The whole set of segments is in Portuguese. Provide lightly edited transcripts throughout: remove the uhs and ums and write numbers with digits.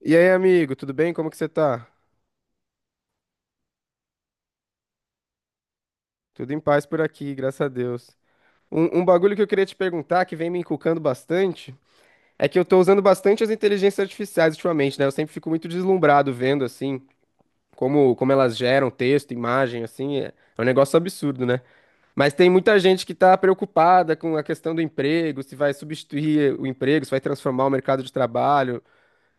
E aí, amigo, tudo bem? Como que você tá? Tudo em paz por aqui, graças a Deus. Um bagulho que eu queria te perguntar, que vem me encucando bastante, é que eu tô usando bastante as inteligências artificiais ultimamente, né? Eu sempre fico muito deslumbrado vendo, assim, como elas geram texto, imagem, assim, é um negócio absurdo, né? Mas tem muita gente que tá preocupada com a questão do emprego, se vai substituir o emprego, se vai transformar o mercado de trabalho,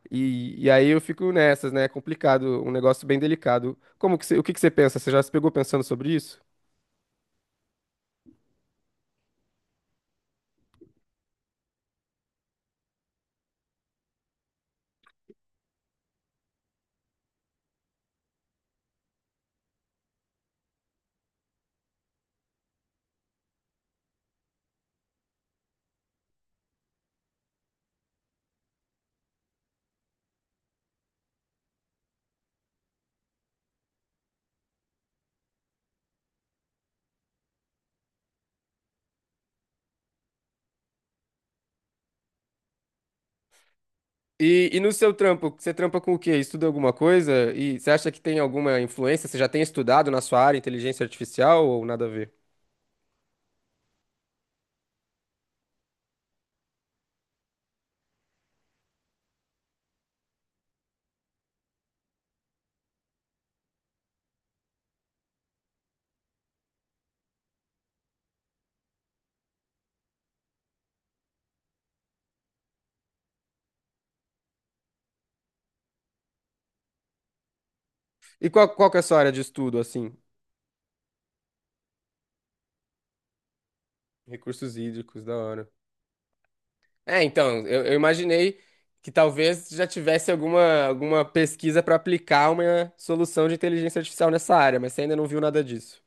e aí eu fico nessas, né? É complicado, um negócio bem delicado. Como que você, o que que você pensa? Você já se pegou pensando sobre isso? E no seu trampo, você trampa com o quê? Estuda alguma coisa? E você acha que tem alguma influência? Você já tem estudado na sua área inteligência artificial ou nada a ver? E qual que é a sua área de estudo, assim? Recursos hídricos, da hora. É, então, eu imaginei que talvez já tivesse alguma, alguma pesquisa para aplicar uma solução de inteligência artificial nessa área, mas você ainda não viu nada disso.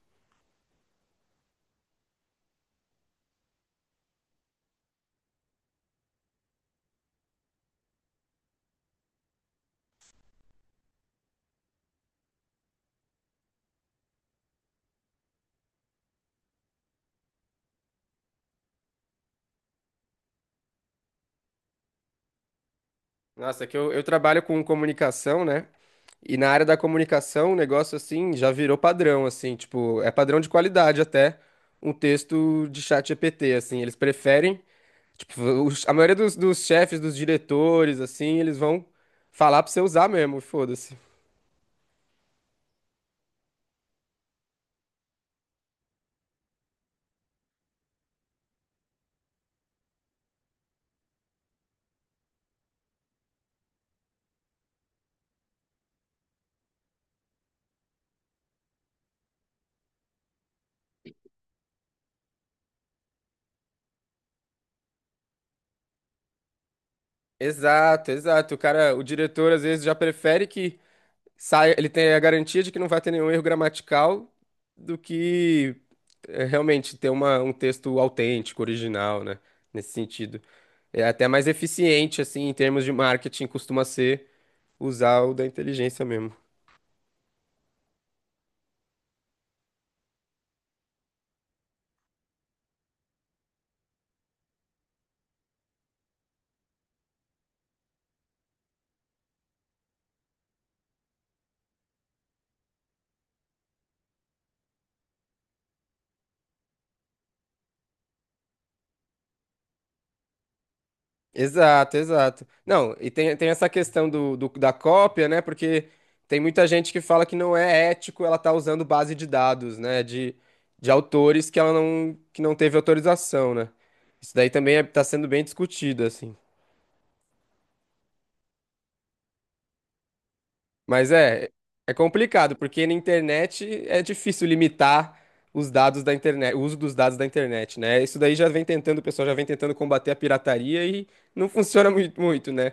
Nossa, é que eu trabalho com comunicação, né? E na área da comunicação, o negócio assim já virou padrão, assim, tipo, é padrão de qualidade até um texto de chat GPT, assim, eles preferem, tipo, a maioria dos, dos chefes, dos diretores, assim, eles vão falar pra você usar mesmo, foda-se. Exato, exato. O cara, o diretor às vezes já prefere que sai, ele tem a garantia de que não vai ter nenhum erro gramatical do que é, realmente ter uma, um texto autêntico, original, né? Nesse sentido. É até mais eficiente, assim, em termos de marketing, costuma ser usar o da inteligência mesmo. Exato, exato. Não, e tem, tem essa questão do, da cópia, né? Porque tem muita gente que fala que não é ético ela tá usando base de dados, né? De autores que ela não, que não teve autorização, né? Isso daí também é, tá sendo bem discutido, assim. Mas é, é complicado, porque na internet é difícil limitar os dados da internet, o uso dos dados da internet, né? Isso daí já vem tentando, o pessoal já vem tentando combater a pirataria e não funciona muito, muito, né?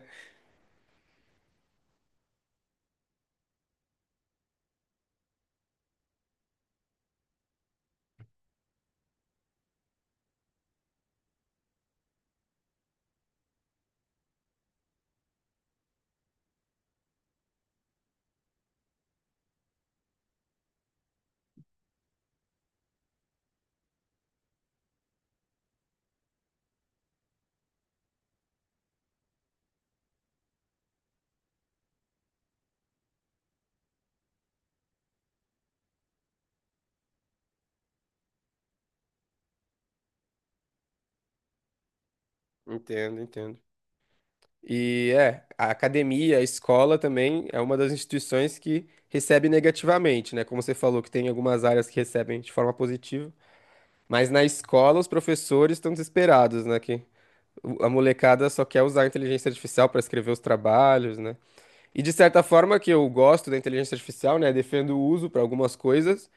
Entendo, entendo. E é, a academia, a escola também é uma das instituições que recebe negativamente, né? Como você falou, que tem algumas áreas que recebem de forma positiva, mas na escola os professores estão desesperados, né? Que a molecada só quer usar a inteligência artificial para escrever os trabalhos, né? E de certa forma que eu gosto da inteligência artificial, né? Defendo o uso para algumas coisas.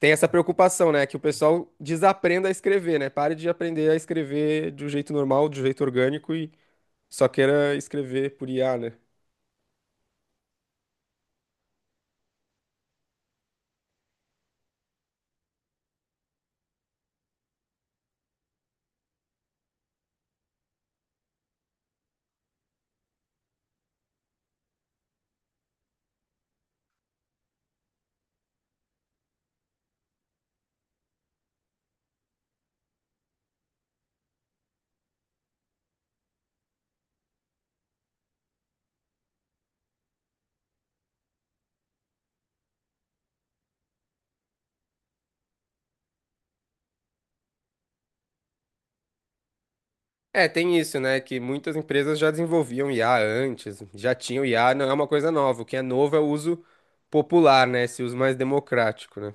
Tem essa preocupação, né? Que o pessoal desaprenda a escrever, né? Pare de aprender a escrever de um jeito normal, de um jeito orgânico e só queira escrever por IA, né? É, tem isso, né? Que muitas empresas já desenvolviam IA antes, já tinham IA, não é uma coisa nova. O que é novo é o uso popular, né? Esse uso mais democrático, né?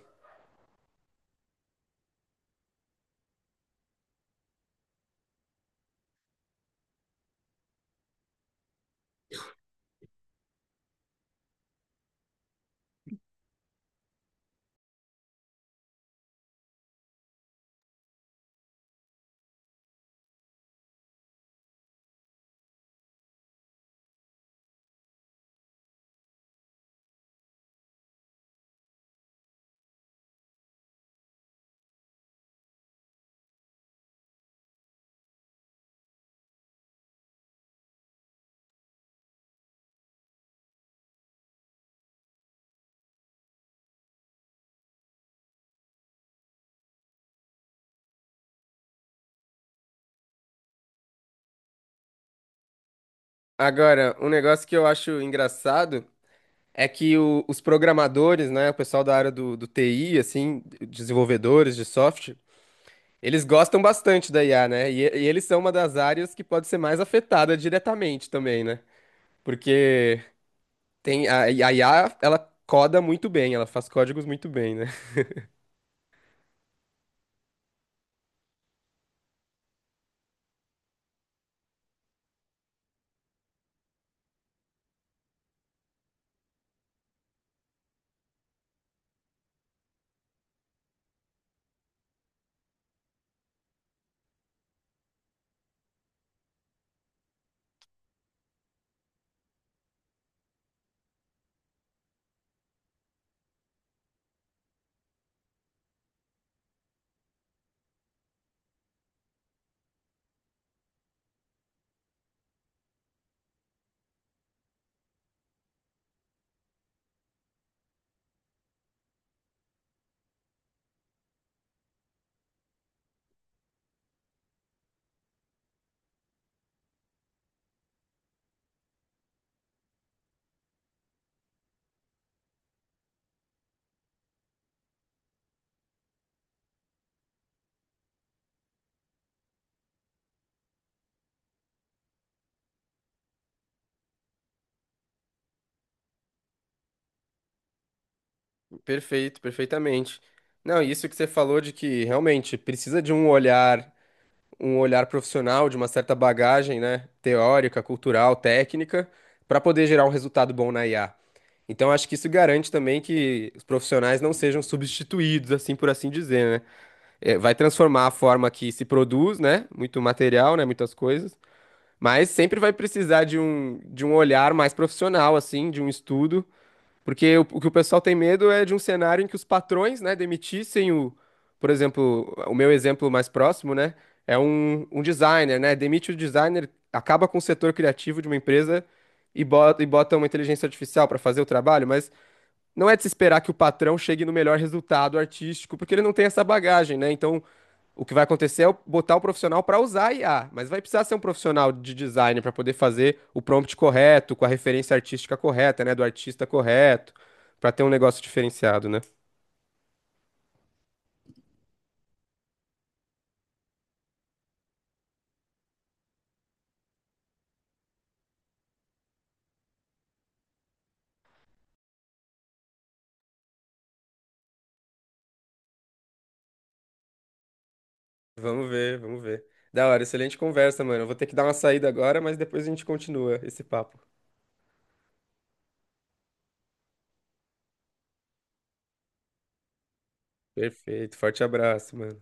Agora, um negócio que eu acho engraçado é que os programadores, né? O pessoal da área do, do TI, assim, desenvolvedores de software, eles gostam bastante da IA, né? E eles são uma das áreas que pode ser mais afetada diretamente também, né? Porque tem a IA, ela coda muito bem, ela faz códigos muito bem, né? Perfeito, perfeitamente. Não, e isso que você falou de que realmente precisa de um olhar profissional, de uma certa bagagem, né, teórica, cultural, técnica, para poder gerar um resultado bom na IA. Então, acho que isso garante também que os profissionais não sejam substituídos, assim por assim dizer, né? É, vai transformar a forma que se produz, né? Muito material, né? Muitas coisas. Mas sempre vai precisar de um olhar mais profissional, assim, de um estudo porque o que o pessoal tem medo é de um cenário em que os patrões, né, demitissem o, por exemplo, o meu exemplo mais próximo, né, é um, um designer, né, demite o designer, acaba com o setor criativo de uma empresa e bota uma inteligência artificial para fazer o trabalho, mas não é de se esperar que o patrão chegue no melhor resultado artístico, porque ele não tem essa bagagem, né, então o que vai acontecer é eu botar o profissional para usar a IA, mas vai precisar ser um profissional de design para poder fazer o prompt correto, com a referência artística correta, né, do artista correto, para ter um negócio diferenciado, né? Vamos ver, vamos ver. Da hora, excelente conversa, mano. Eu vou ter que dar uma saída agora, mas depois a gente continua esse papo. Perfeito, forte abraço, mano.